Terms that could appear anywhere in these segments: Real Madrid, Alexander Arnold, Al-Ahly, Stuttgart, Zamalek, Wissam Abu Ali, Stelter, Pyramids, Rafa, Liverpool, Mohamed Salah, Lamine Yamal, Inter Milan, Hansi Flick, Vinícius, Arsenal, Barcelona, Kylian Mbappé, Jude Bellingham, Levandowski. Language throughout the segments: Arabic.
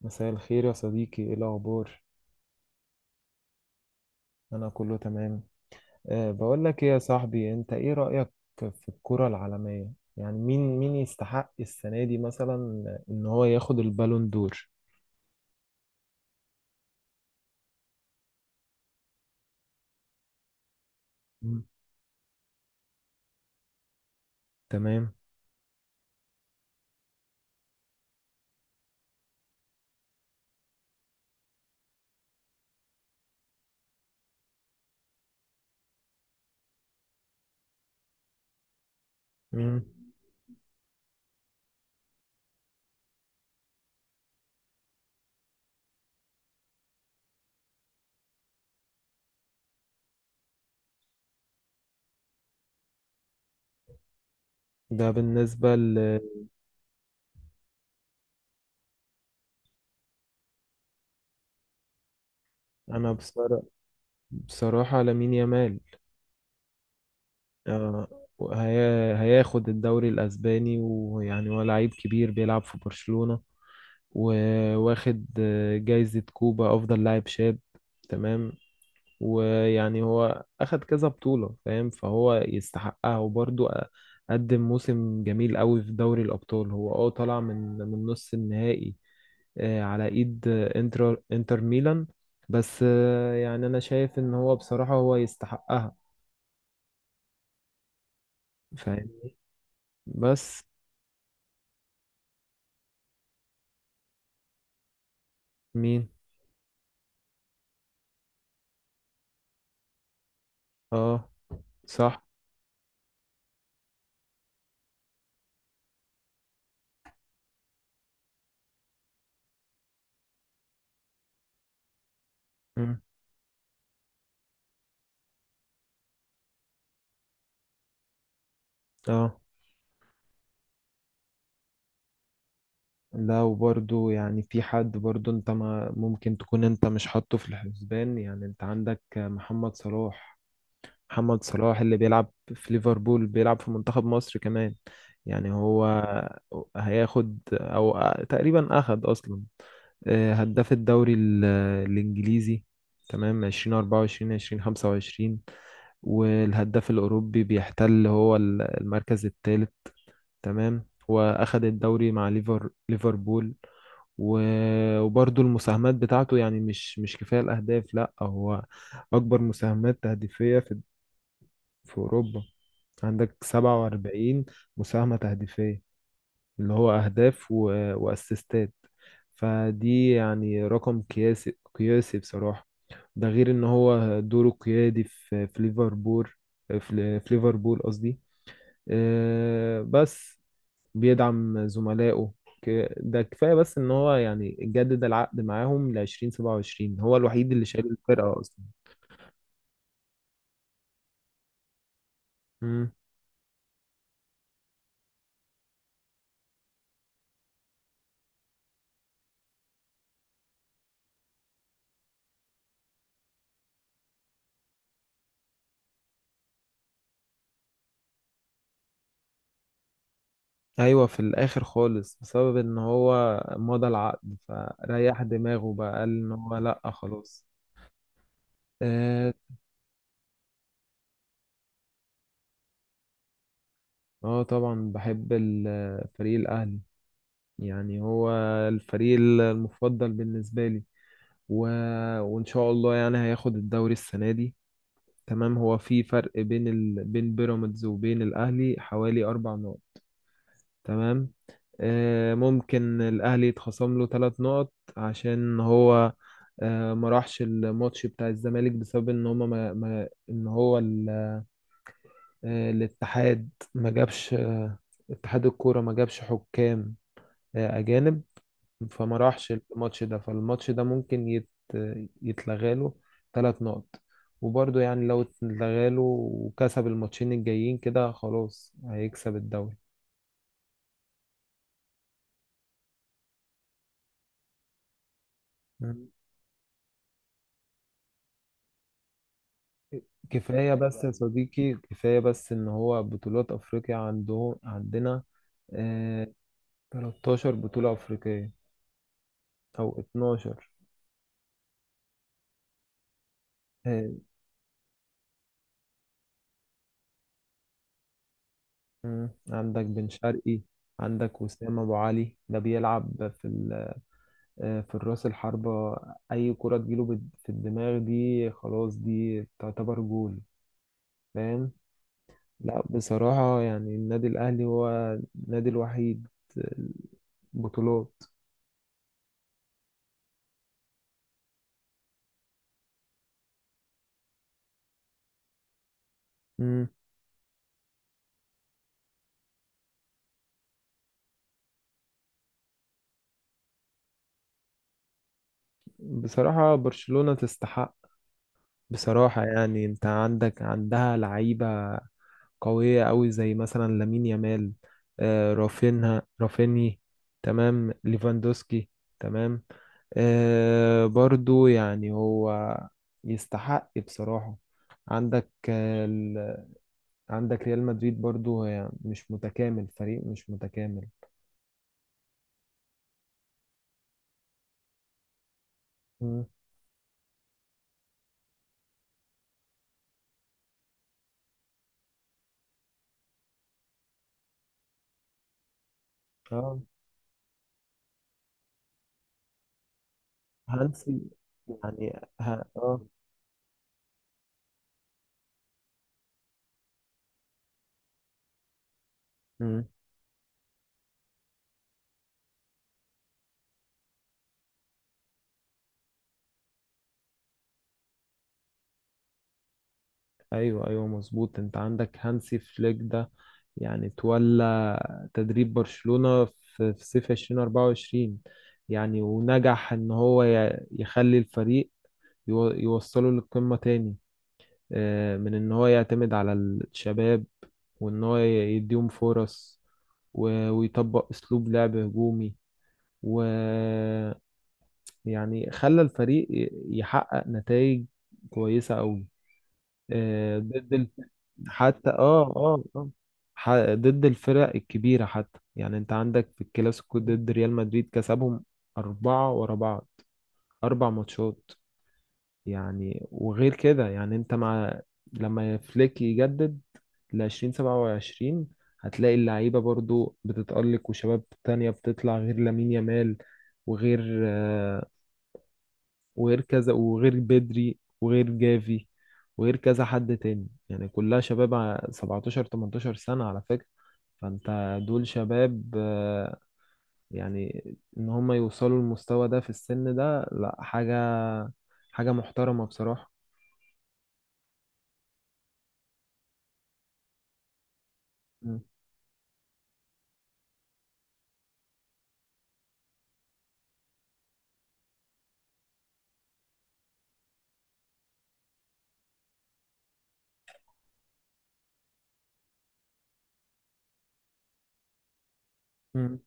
مساء الخير يا صديقي، ايه الاخبار؟ انا كله تمام. بقول لك ايه يا صاحبي، انت ايه رايك في الكره العالميه؟ يعني مين يستحق السنه دي مثلا ان هو ياخد البالون دور؟ مم. تمام. مم. ده بالنسبه ل... انا بصراحه لامين يامال. أه هي... هياخد الدوري الاسباني، ويعني هو لعيب كبير بيلعب في برشلونه، وواخد جايزه كوبا افضل لاعب شاب. تمام. ويعني هو أخد كذا بطولة، فاهم، فهو يستحقها. وبرضه قدم موسم جميل قوي في دوري الأبطال. هو طلع من نص النهائي على إيد انتر ميلان. بس يعني أنا شايف إن هو بصراحة هو يستحقها. فاهم. بس. مين؟ اه. صح. مم. اه. لا، وبرضه يعني في حد برضه انت ما ممكن تكون انت مش حاطه في الحسبان. يعني انت عندك محمد صلاح. محمد صلاح اللي بيلعب في ليفربول، بيلعب في منتخب مصر كمان. يعني هو هياخد او تقريبا اخد اصلا هداف الدوري الانجليزي. تمام. 2024 2025. والهداف الاوروبي بيحتل هو المركز الثالث. تمام. واخد الدوري مع ليفربول. وبرضه المساهمات بتاعته، يعني مش كفاية الاهداف. لا، هو اكبر مساهمات تهديفية في اوروبا. عندك 47 مساهمة تهديفية، اللي هو أهداف وأسيستات. فدي يعني رقم قياسي قياسي بصراحة. ده غير إن هو دوره قيادي في ليفربول، في ليفربول قصدي. بس بيدعم زملائه. ده كفاية بس إن هو يعني جدد العقد معاهم لـ2027. هو الوحيد اللي شايل الفرقة أصلا. ايوه، في الاخر خالص بسبب ان هو مضى العقد فريح دماغه، بقى قال ان هو لا خلاص. اه. طبعا بحب فريق الاهلي. يعني هو الفريق المفضل بالنسبه لي. و... وان شاء الله يعني هياخد الدوري السنه دي. تمام. هو في فرق بين بين بيراميدز وبين الاهلي حوالي اربع نقط. تمام. ممكن الأهلي يتخصم له ثلاث نقط عشان هو ما راحش الماتش بتاع الزمالك بسبب ان هما ما ان هو الاتحاد. ما جابش اتحاد الكورة ما جابش حكام أجانب. فما راحش الماتش ده، فالماتش ده ممكن يتلغى له ثلاث نقط. وبرضه يعني لو اتلغى له وكسب الماتشين الجايين كده خلاص هيكسب الدوري. كفاية بس يا صديقي، كفاية بس إن هو بطولات أفريقيا عنده عندنا. آه. 13 بطولة أفريقية، أو 12. آه. مم، عندك بن شرقي. عندك وسام أبو علي ده بيلعب في في الراس الحربة. أي كرة تجيله في الدماغ دي خلاص دي تعتبر جول. فاهم. لا، بصراحة يعني النادي الأهلي هو النادي الوحيد. بطولات. مم. بصراحة برشلونة تستحق. بصراحة يعني انت عندك عندها لعيبة قوية قوي زي مثلا لامين يامال، رافيني. تمام. ليفاندوسكي. تمام. برضو يعني هو يستحق بصراحة. عندك عندك ريال مدريد، برضو هي مش متكامل، فريق مش متكامل. مم. اه هانسي. يعني ها اه ايوه ايوه مظبوط، انت عندك هانسي فليك ده. يعني تولى تدريب برشلونة في صيف 2024. يعني ونجح ان هو يخلي الفريق يوصله للقمة تاني من ان هو يعتمد على الشباب، وان هو يديهم فرص. ويطبق اسلوب لعب هجومي. ويعني خلى الفريق يحقق نتائج كويسة قوي. ضد حتى اه اه اه ح- ضد الفرق الكبيرة. حتى يعني انت عندك في الكلاسيكو ضد ريال مدريد كسبهم أربعة ورا بعض، أربع ماتشات. يعني وغير كده، يعني انت مع لما فليك يجدد لـ2027، هتلاقي اللعيبة برضو بتتألق وشباب تانية بتطلع غير لامين يامال. وغير آه، وغير كذا وغير بدري وغير جافي وغير كذا حد تاني. يعني كلها شباب 17 18 سنة على فكرة. فانت دول شباب. يعني ان هم يوصلوا للمستوى ده في السن ده، لا حاجة، حاجة محترمة بصراحة. مم. مم.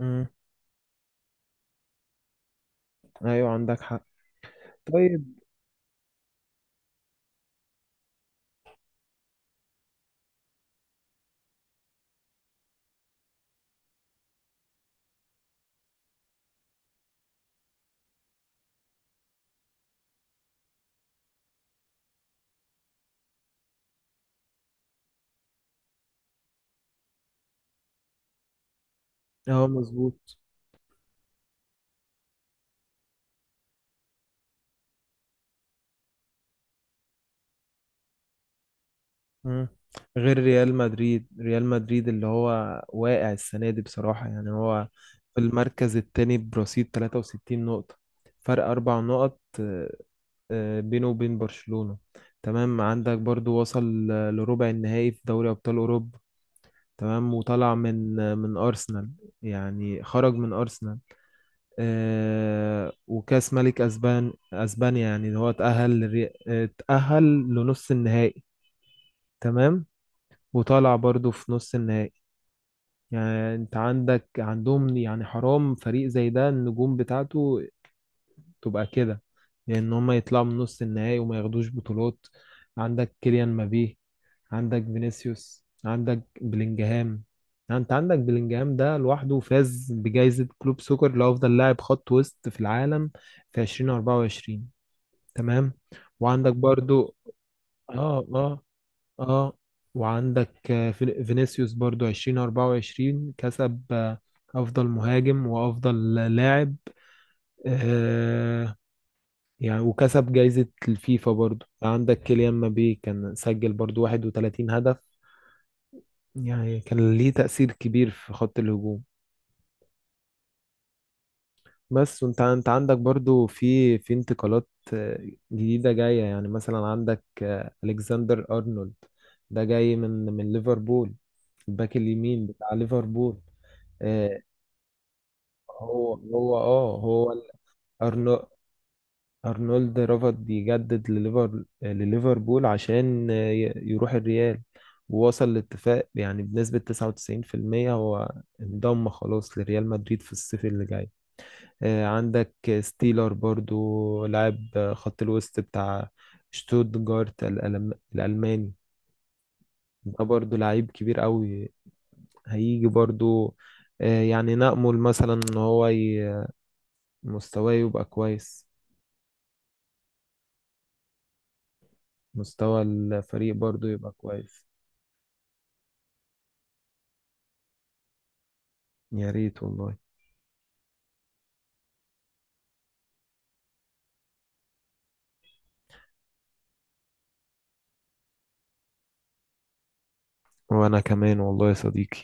مم. ايوه، عندك حق. طيب. اه، مظبوط. مم. غير ريال مدريد. ريال مدريد اللي هو واقع السنة دي بصراحة. يعني هو في المركز التاني برصيد 63 نقطة، فرق أربع نقط بينه وبين برشلونة. تمام. عندك برضو وصل لربع النهائي في دوري أبطال أوروبا. تمام. وطلع من أرسنال، يعني خرج من أرسنال. وكأس ملك أسبانيا يعني اللي هو اتأهل لنص النهائي. تمام. وطالع برضو في نص النهائي. يعني انت عندك عندهم، يعني حرام فريق زي ده، النجوم بتاعته تبقى كده، لان هم يطلعوا من نص النهائي وما ياخدوش بطولات. عندك كيليان مبابي، عندك فينيسيوس، عندك بلينجهام. يعني انت عندك بلينجهام ده لوحده فاز بجائزة كلوب سوكر لأفضل لاعب خط وسط في العالم في 2024. تمام. وعندك برضو اه اه اه وعندك فينيسيوس برضو 2024 كسب افضل مهاجم وافضل لاعب. آه. يعني وكسب جايزة الفيفا. برضو عندك كيليان مبابي كان سجل برضو 31 هدف. يعني كان ليه تأثير كبير في خط الهجوم. بس. وانت عندك برضو في انتقالات جديدة جاية. يعني مثلا عندك الكسندر ارنولد، ده جاي من ليفربول، الباك اليمين بتاع ليفربول. آه، هو أرنو أرنولد رفض يجدد لليفربول عشان يروح الريال. ووصل لاتفاق يعني بنسبة 99% هو انضم خلاص لريال مدريد في الصيف اللي جاي. عندك ستيلر برضو لاعب خط الوسط بتاع شتوتجارت الألماني. ده برضو لعيب كبير قوي. هيجي برضو يعني نأمل مثلا إن هو مستواه يبقى كويس، مستوى الفريق برضو يبقى كويس. يا ريت والله. وأنا كمان والله يا صديقي.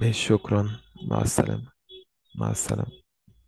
ماشي، شكرا. مع السلامة. مع السلامة.